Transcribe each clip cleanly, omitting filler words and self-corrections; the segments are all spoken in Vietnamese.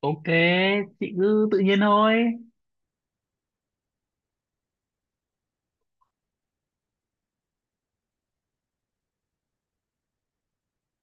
Ok, chị cứ tự nhiên thôi.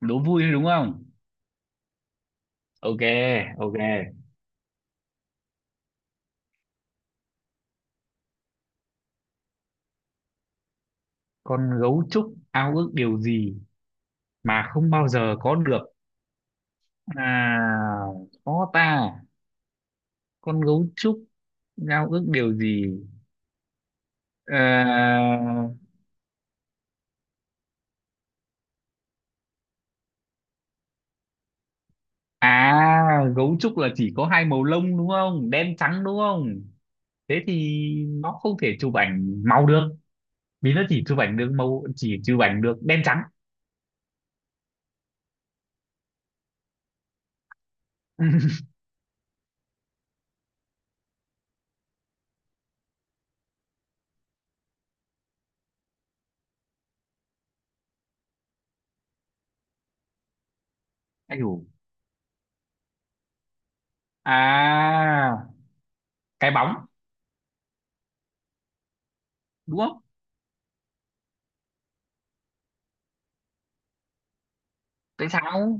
Đố vui thôi đúng không? Ok, ok. Con gấu trúc ao ước điều gì mà không bao giờ có được? À, khó ta. Con gấu trúc ao ước điều gì? À, à, gấu trúc là chỉ có hai màu lông đúng không? Đen trắng đúng không? Thế thì nó không thể chụp ảnh màu được. Vì nó chỉ chụp ảnh được màu, chỉ chụp ảnh được đen trắng. Anh à, cái bóng đúng không? Tại sao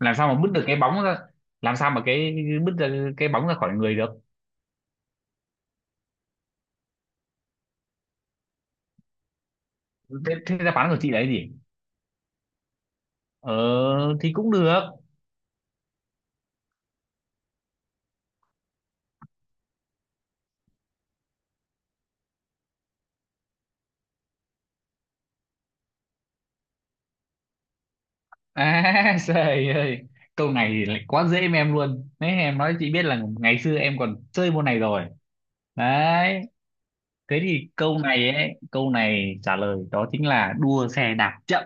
làm sao mà bứt được cái bóng ra, làm sao mà bứt ra cái bóng ra khỏi người được? Thế, thế đáp án của chị là cái gì? Ờ thì cũng được. À trời ơi, câu này thì lại quá dễ với em luôn đấy, em nói chị biết là ngày xưa em còn chơi môn này rồi đấy. Thế thì câu này ấy, câu này trả lời đó chính là đua xe đạp chậm.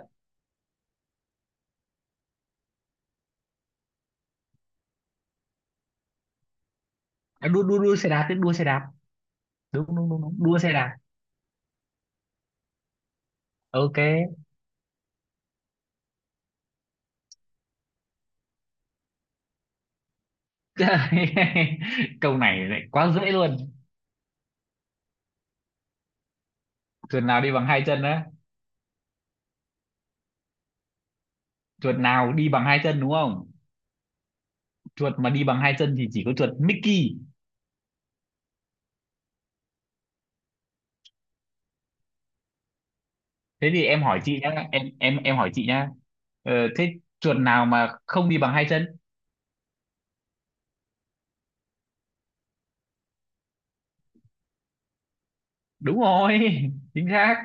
À, đua đua đua xe đạp, tức đua xe đạp. Đúng, đúng, đúng, đúng Đua xe đạp, ok. Câu này lại quá dễ luôn. Tuần nào đi bằng hai chân đó? Chuột nào đi bằng hai chân đúng không? Chuột mà đi bằng hai chân thì chỉ có chuột Mickey. Thế thì em hỏi chị nhá, em hỏi chị nhá. Ờ, thế chuột nào mà không đi bằng hai chân? Đúng rồi. Chính xác.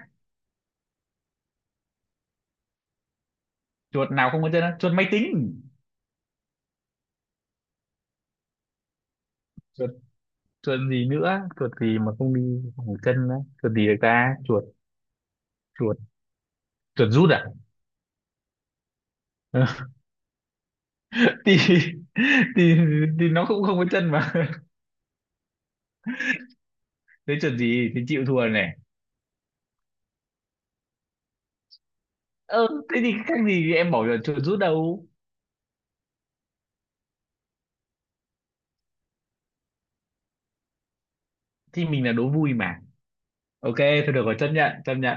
Chuột nào không có chân á? Chuột máy tính. Chuột, chuột gì nữa, chuột gì mà không đi bằng chân á? Chuột gì được ta? Chuột chuột chuột rút à? thì, thì thì nó cũng không có chân mà. Thế chuột gì thì chịu thua này. Ờ thế thì khác gì em bảo là chuột rút đâu. Thì mình là đố vui mà. Ok, thôi được rồi, chấp nhận, chấp nhận.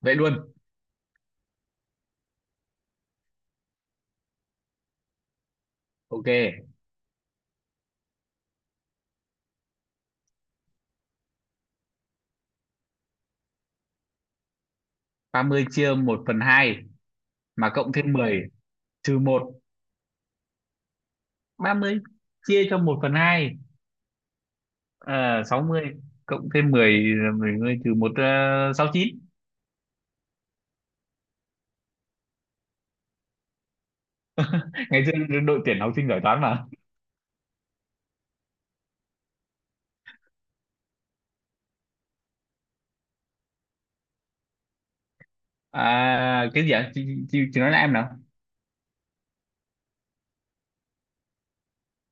Vậy luôn. Ok, ba mươi chia một phần 2, mà cộng thêm 10 trừ một, 30 chia cho một phần 2, 60 cộng thêm mười, mười mươi trừ một, 69. Ngày xưa đội tuyển học sinh giỏi toán mà. À, cái gì ạ? Chị nói lại em nào.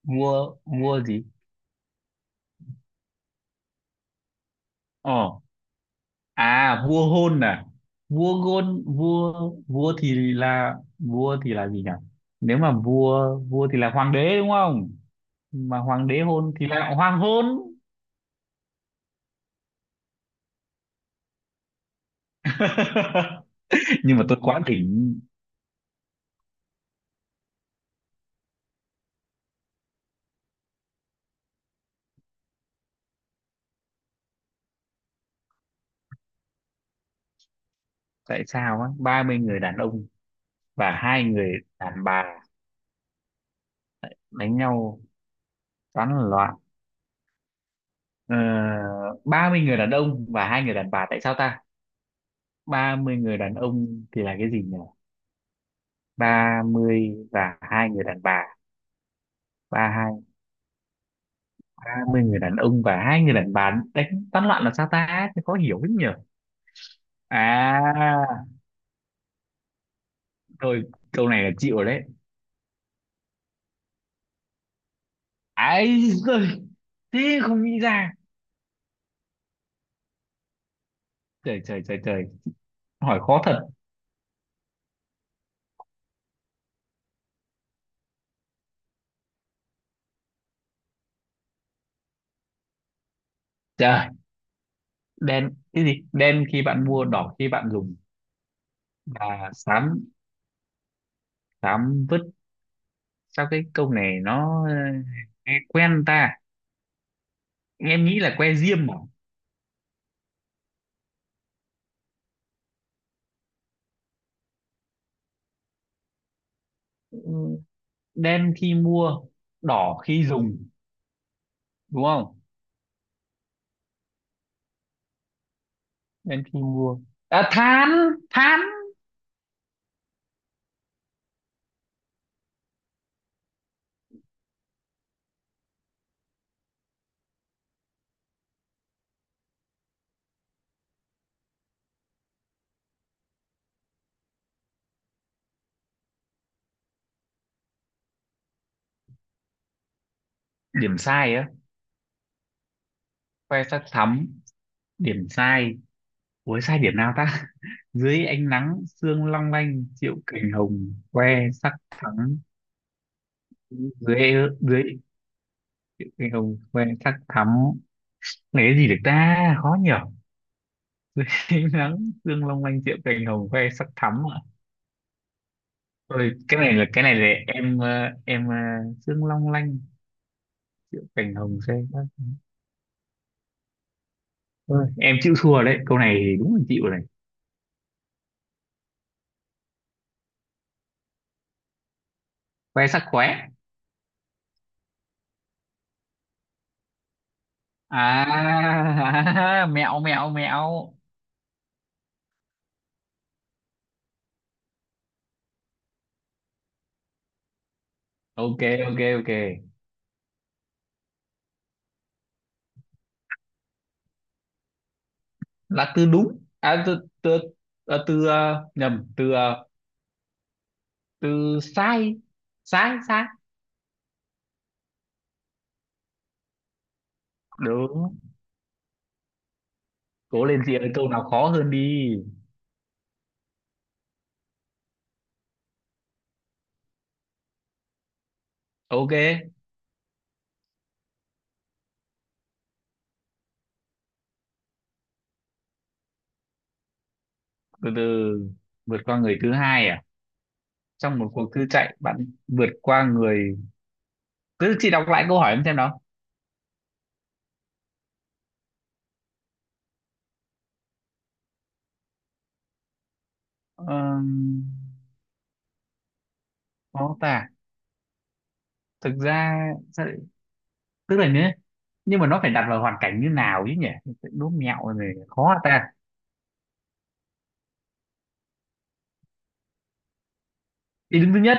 Vua, vua gì? Ờ, à, vua hôn à? Vua gôn, vua thì là, vua thì là gì nhỉ? Nếu mà vua, vua thì là hoàng đế đúng không? Mà hoàng đế hôn thì lại hoàng hôn. Nhưng mà tôi quá đỉnh. Tại sao á, 30 người đàn ông và hai người đàn bà đánh nhau tán loạn? Ờ, 30 người đàn ông và hai người đàn bà, tại sao ta? Ba mươi người đàn ông thì là cái gì nhỉ? Ba mươi và hai người đàn bà, ba hai. Ba mươi người đàn ông và hai người đàn bà đánh tán loạn là sao ta? Thế khó hiểu lắm nhỉ. À thôi, câu này là chịu rồi đấy. Ấy giời, thế không nghĩ ra. Trời, trời, trời, trời, hỏi khó thật. Trời, đen, cái gì đen khi bạn mua, đỏ khi bạn dùng, và xám, xám vứt? Sao cái câu này nó nghe quen ta? Em nghĩ là que diêm mà. Ừ, đen khi mua đỏ khi dùng đúng không? Đen khi mua, à, than, than. Điểm sai á? Que sắt thắm. Điểm sai, ủa sai điểm nào ta? Dưới ánh nắng sương long lanh triệu cành hồng que sắc thắm. Dưới dưới cái ông quen sắc thắm. Này cái gì được ta? Khó nhở. Thấy nắng dương long lanh diệu cành hồng khoe sắc thắm ạ. Ôi, cái này là em em ờ, dương long lanh diệu cành hồng khoe sắc. Ôi, em chịu thua đấy, câu này thì đúng là chịu rồi này. Khoe sắc khóe. À, mẹo mẹo mẹo. Ok ok ok. Là từ đúng à, từ từ, à, từ, nhầm, từ, từ sai. Sai. Đúng. Cố lên chị ơi, câu nào khó hơn đi. Ok, từ từ, vượt qua người thứ hai à? Trong một cuộc thư chạy bạn vượt qua người, cứ chị đọc lại câu hỏi em xem nào. Ờm, khó ta, thực ra sao lại-, tức là nhé, nhưng mà nó phải đặt vào hoàn cảnh như nào chứ nhỉ? Đố mẹo này khó hả ta? Ý đứng thứ nhất.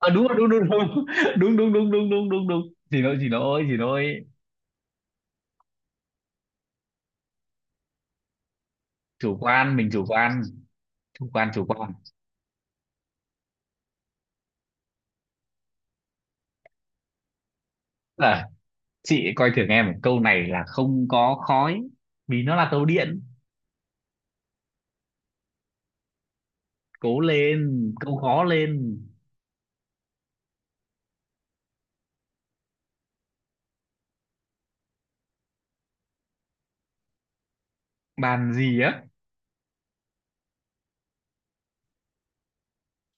À, đúng rồi, đúng, đúng, đúng. Đúng, đúng, đúng, đúng, đúng, đúng, đúng, chị nói. Chủ quan, mình chủ quan. À, chị ấy coi thường em, một câu này là không có khói vì nó là tàu điện. Cố lên, câu khó lên. Bàn gì á?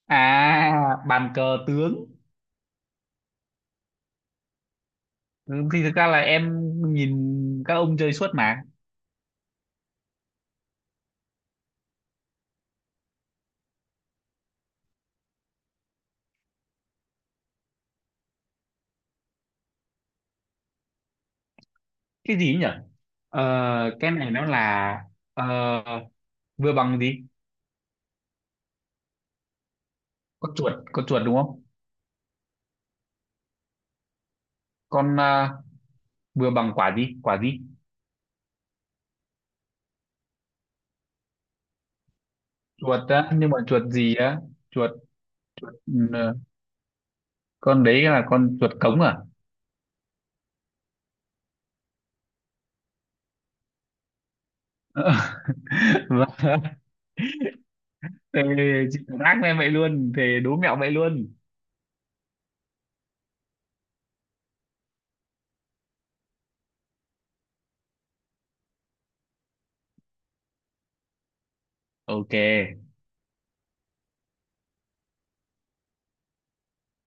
À, bàn cờ tướng. Ừ, thì thực ra là em nhìn các ông chơi suốt mà. Cái gì ấy nhỉ? ờ, cái này nó là, ờ, vừa bằng gì? Con chuột, con chuột đúng không? Con, vừa bằng quả gì, quả gì? Chuột á, nhưng mà chuột gì á? Chuột chuột ừ, con đấy là con chuột cống à? Vâng. Thề, chị cũng ác lên vậy luôn, thề đố mẹo vậy luôn. Ok.